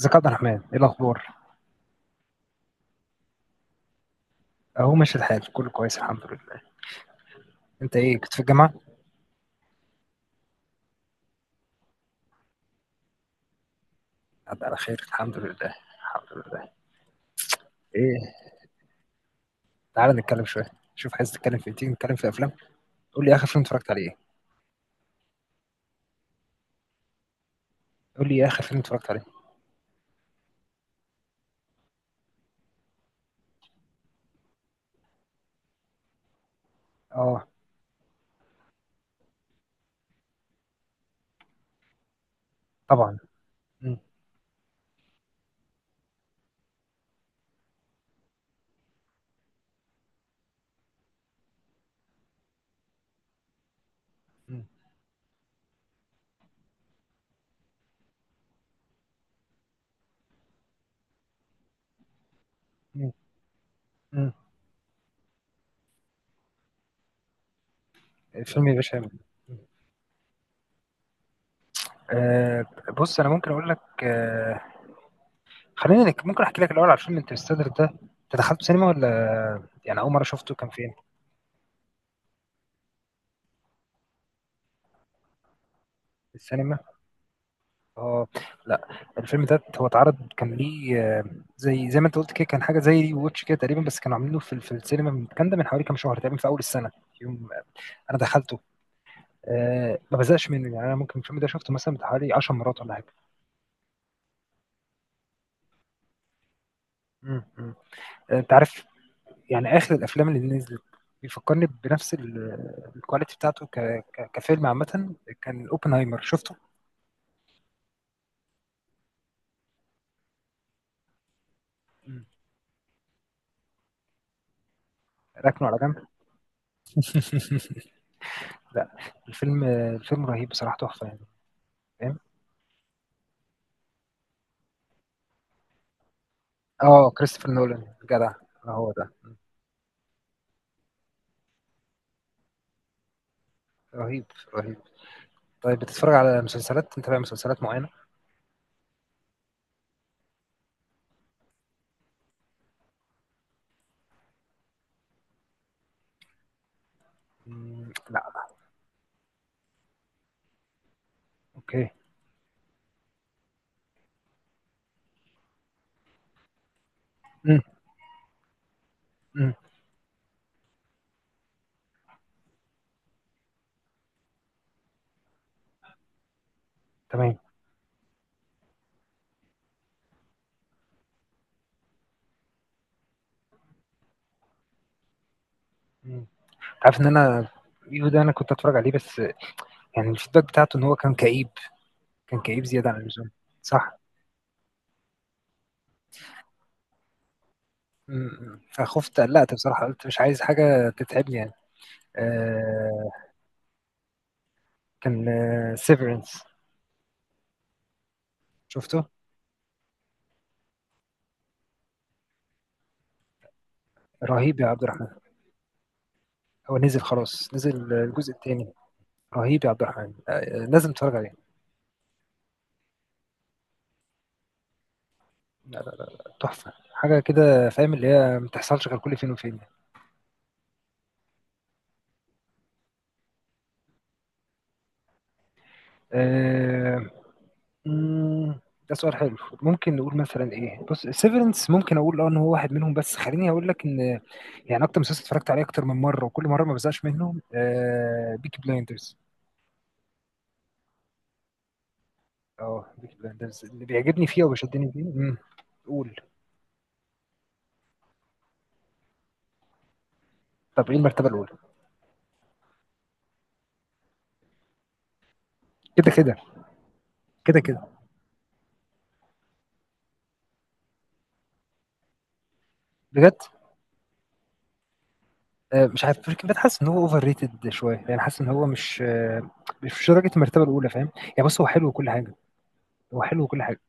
ازيك يا عبد الرحمن؟ ايه الاخبار؟ اهو ماشي الحال، كله كويس الحمد لله. انت ايه كنت في الجامعه؟ عدى على خير الحمد لله. الحمد لله. ايه، تعال نتكلم شويه، شوف عايز تتكلم في ايه. تيجي نتكلم في افلام؟ قول لي اخر فيلم اتفرجت عليه ايه. قول لي اخر فيلم اتفرجت عليه. اه طبعا. مم. مم. مم. مم. الفيلم يا باشا. آه، بص انا ممكن اقول لك. ممكن احكي لك الاول على فيلم انترستيلر ده. انت دخلته سينما ولا يعني اول مره شفته كان فين؟ السينما؟ اه لا، الفيلم ده هو اتعرض كان ليه زي ما انت قلت كده، كان حاجه زي ري ووتش كده تقريبا، بس كانوا عاملينه في السينما من كان ده من حوالي كام شهر تقريبا في اول السنه. يوم انا دخلته، أه ما بزهقش منه. يعني انا ممكن الفيلم ده شفته مثلا بتاع حوالي 10 مرات ولا حاجه. مم، مم. آه، انت عارف، يعني اخر الافلام اللي نزلت بيفكرني بنفس الكواليتي بتاعته كفيلم عامه، كان اوبنهايمر. شفته؟ مم. ركنه على جنب. لا، الفيلم الفيلم رهيب بصراحه، تحفه يعني، فاهم. اه كريستوفر نولان جدع. آه، هو ده. رهيب، رهيب. طيب بتتفرج على مسلسلات؟ متابع مسلسلات معينة؟ مم، لا. اوكي. مم، مم، تمام. مم. عارف ان انا يو ده انا كنت اتفرج عليه، بس يعني الفيدباك بتاعته ان هو كان كئيب، كان كئيب زيادة عن اللزوم. صح. مم. فخفت، قلقت بصراحة، قلت مش عايز حاجة تتعبني يعني. آه كان سيفرنس. شفته؟ رهيب يا عبد الرحمن. هو نزل خلاص، نزل الجزء الثاني. رهيب يا عبد الرحمن، آه لازم تتفرج عليه. لا لا لا لا، تحفة حاجة كده فاهم، اللي هي ما بتحصلش غير كل فين وفين يعني. آه، مم، ده سؤال حلو. ممكن نقول مثلا ايه، بص سيفرنس ممكن اقول اه ان هو واحد منهم، بس خليني اقول لك ان يعني اكتر مسلسل اتفرجت عليه اكتر من مرة وكل مرة ما بزهقش منه آه بيكي بلايندرز. اه بيكي بلايندرز اللي بيعجبني فيه وبيشدني فيه. مم، قول. طب ايه المرتبة الاولى؟ كده كده. كده كده. بجد؟ آه، مش عارف، بريكنج باد حاسس ان هو اوفر ريتد شويه، يعني حاسس ان هو مش مش درجه المرتبه الاولى فاهم. يعني بص هو حلو وكل حاجه. هو حلو وكل حاجه.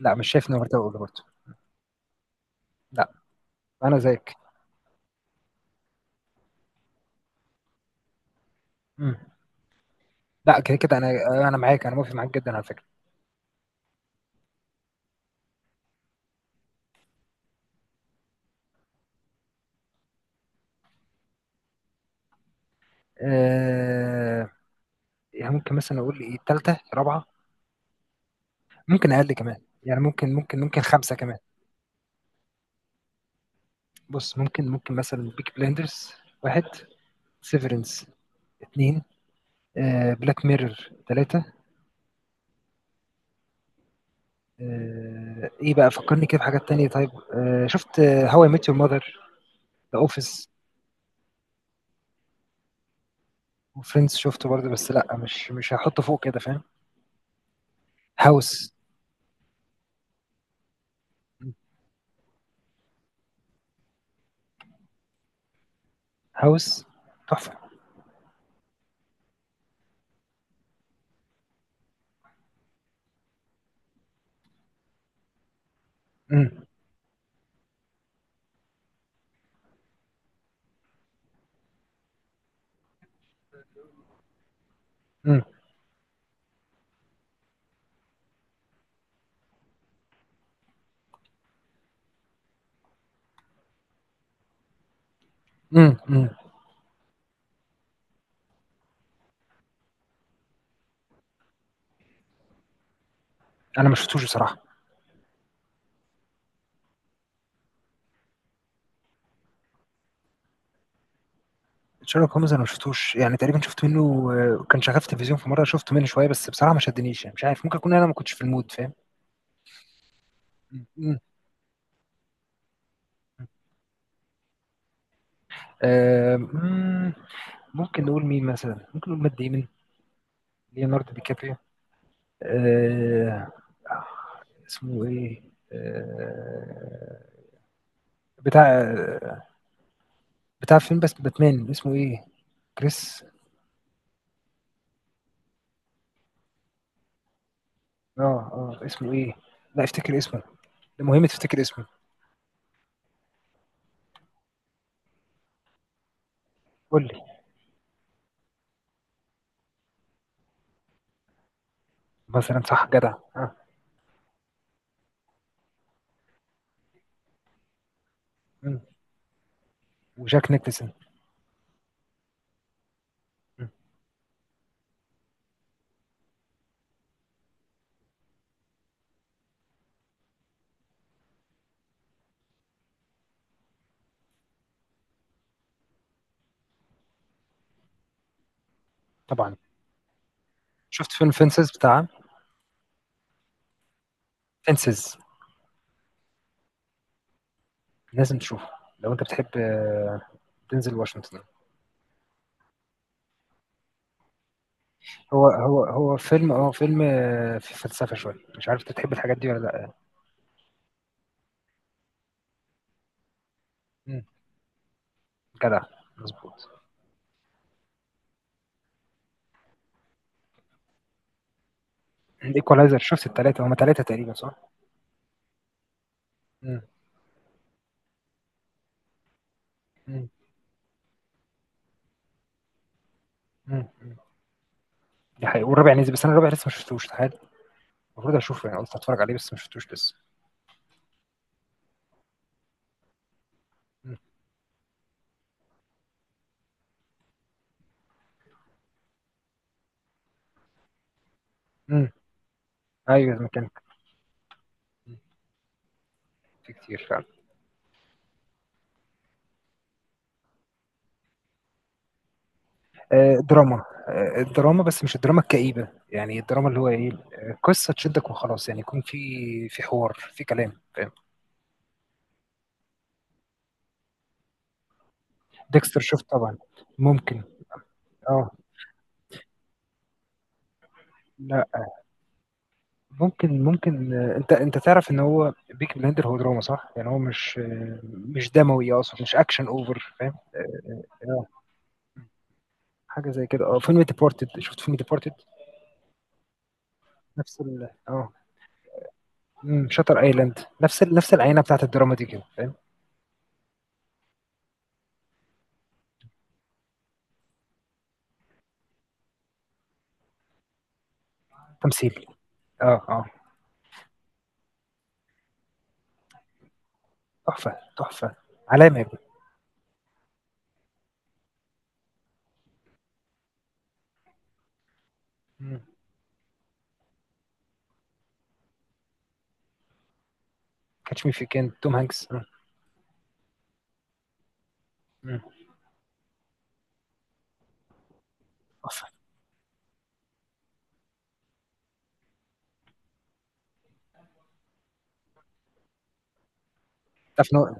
لا مش شايف ان هو مرتبه اولى برضه. لا انا زيك. مم. لا كده كده انا، انا معاك، انا موافق معاك جدا على فكره. آه، يعني ممكن مثلا اقول ايه، ثالثه رابعه. ممكن اقل كمان يعني، ممكن ممكن خمسه كمان. بص ممكن مثلا بيك بلندرز واحد، سيفرنس اثنين، بلاك ميرور ثلاثه. آه، ايه بقى، فكرني كده بحاجات تانية. طيب آه، شفت هواي اي ميت يور ماذر. ذا اوفيس وفريندز شفته برضه، بس لا مش هحطه فوق كده فاهم. هاوس. هاوس تحفة. امم. امم. امم. امم. انا ما شفتوش بصراحة. شارلوك هومز انا ما شفتوش، يعني تقريبا شفت منه كان شغال في التلفزيون في مرة، شفت منه شوية بس بصراحة ما شدنيش، يعني مش عارف، ممكن اكون انا ما كنتش في المود فاهم. مم، مم. آه، مم، ممكن نقول مين مثلا، ممكن نقول مات ديمن، ليوناردو دي كابريو، آه، اسمه ايه آه، بتاع فيلم بس باتمان اسمه ايه، كريس. اه اه اسمه ايه، لا افتكر اسمه، ده مهم تفتكر اسمه. قول لي. مثلا صح، جدع، اه. مم. وجاك نيكلسون. مم. طبعا. شفت فيلم فينسز بتاع، فينسز؟ لازم تشوفه لو انت بتحب دينزل واشنطن. هو هو فيلم اه فيلم في فلسفة شوية، مش عارف انت بتحب الحاجات دي ولا لا. مم. جدع، مظبوط. الايكولايزر، شفت الثلاثه؟ هما ثلاثه تقريبا صح؟ مم. مم. مم. مم. دي حقيقة والرابع نزل، بس انا الرابع لسه ما شفتوش تخيل. المفروض اشوفه، يعني قلت اتفرج عليه بس ما شفتوش لسه. مم. مم. ايوه زي ما كان، في كتير فعلا. آه دراما، آه الدراما بس مش الدراما الكئيبه، يعني الدراما اللي هو ايه قصه تشدك وخلاص، يعني يكون في حوار في كلام فاهم. ديكستر شفت طبعا. ممكن. اه. لا. ممكن انت تعرف ان هو بيك بلاندر هو دراما صح؟ يعني هو مش مش دموي، اقصد مش اكشن اوفر فاهم؟ آه، آه، حاجه زي كده. اه فيلم ديبورتد، شفت فيلم ديبورتد؟ نفس ال اه، شاتر ايلاند، نفس العينه بتاعت الدراما دي كده فاهم؟ تمثيل، اه اه، تحفه تحفه، علامه يا ابني. مم. كاتش مي في كان توم هانكس. مم. مم. تحفه. تعرف ان هو.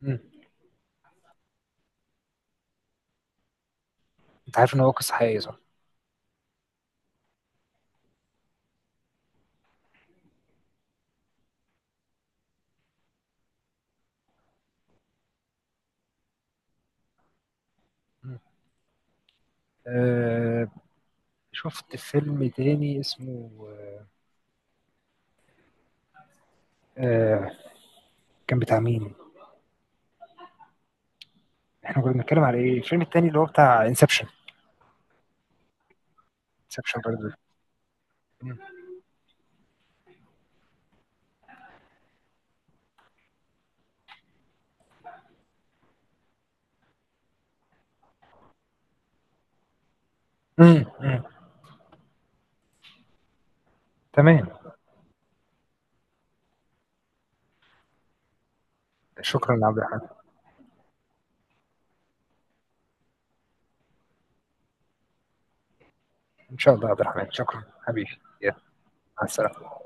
مم. انت عارف ان هو قصه حقيقيه صح؟ مم. آه، شفت فيلم تاني اسمه آه، آه، كان بتاع مين؟ احنا كنا بنتكلم على ايه؟ الفيلم التاني اللي هو بتاع انسبشن. انسبشن برضه. مم. مم. مم. تمام. شكرا عبد الرحمن. ان شاء الله يا عبد الرحمن، شكرا حبيبي يا، مع السلامه.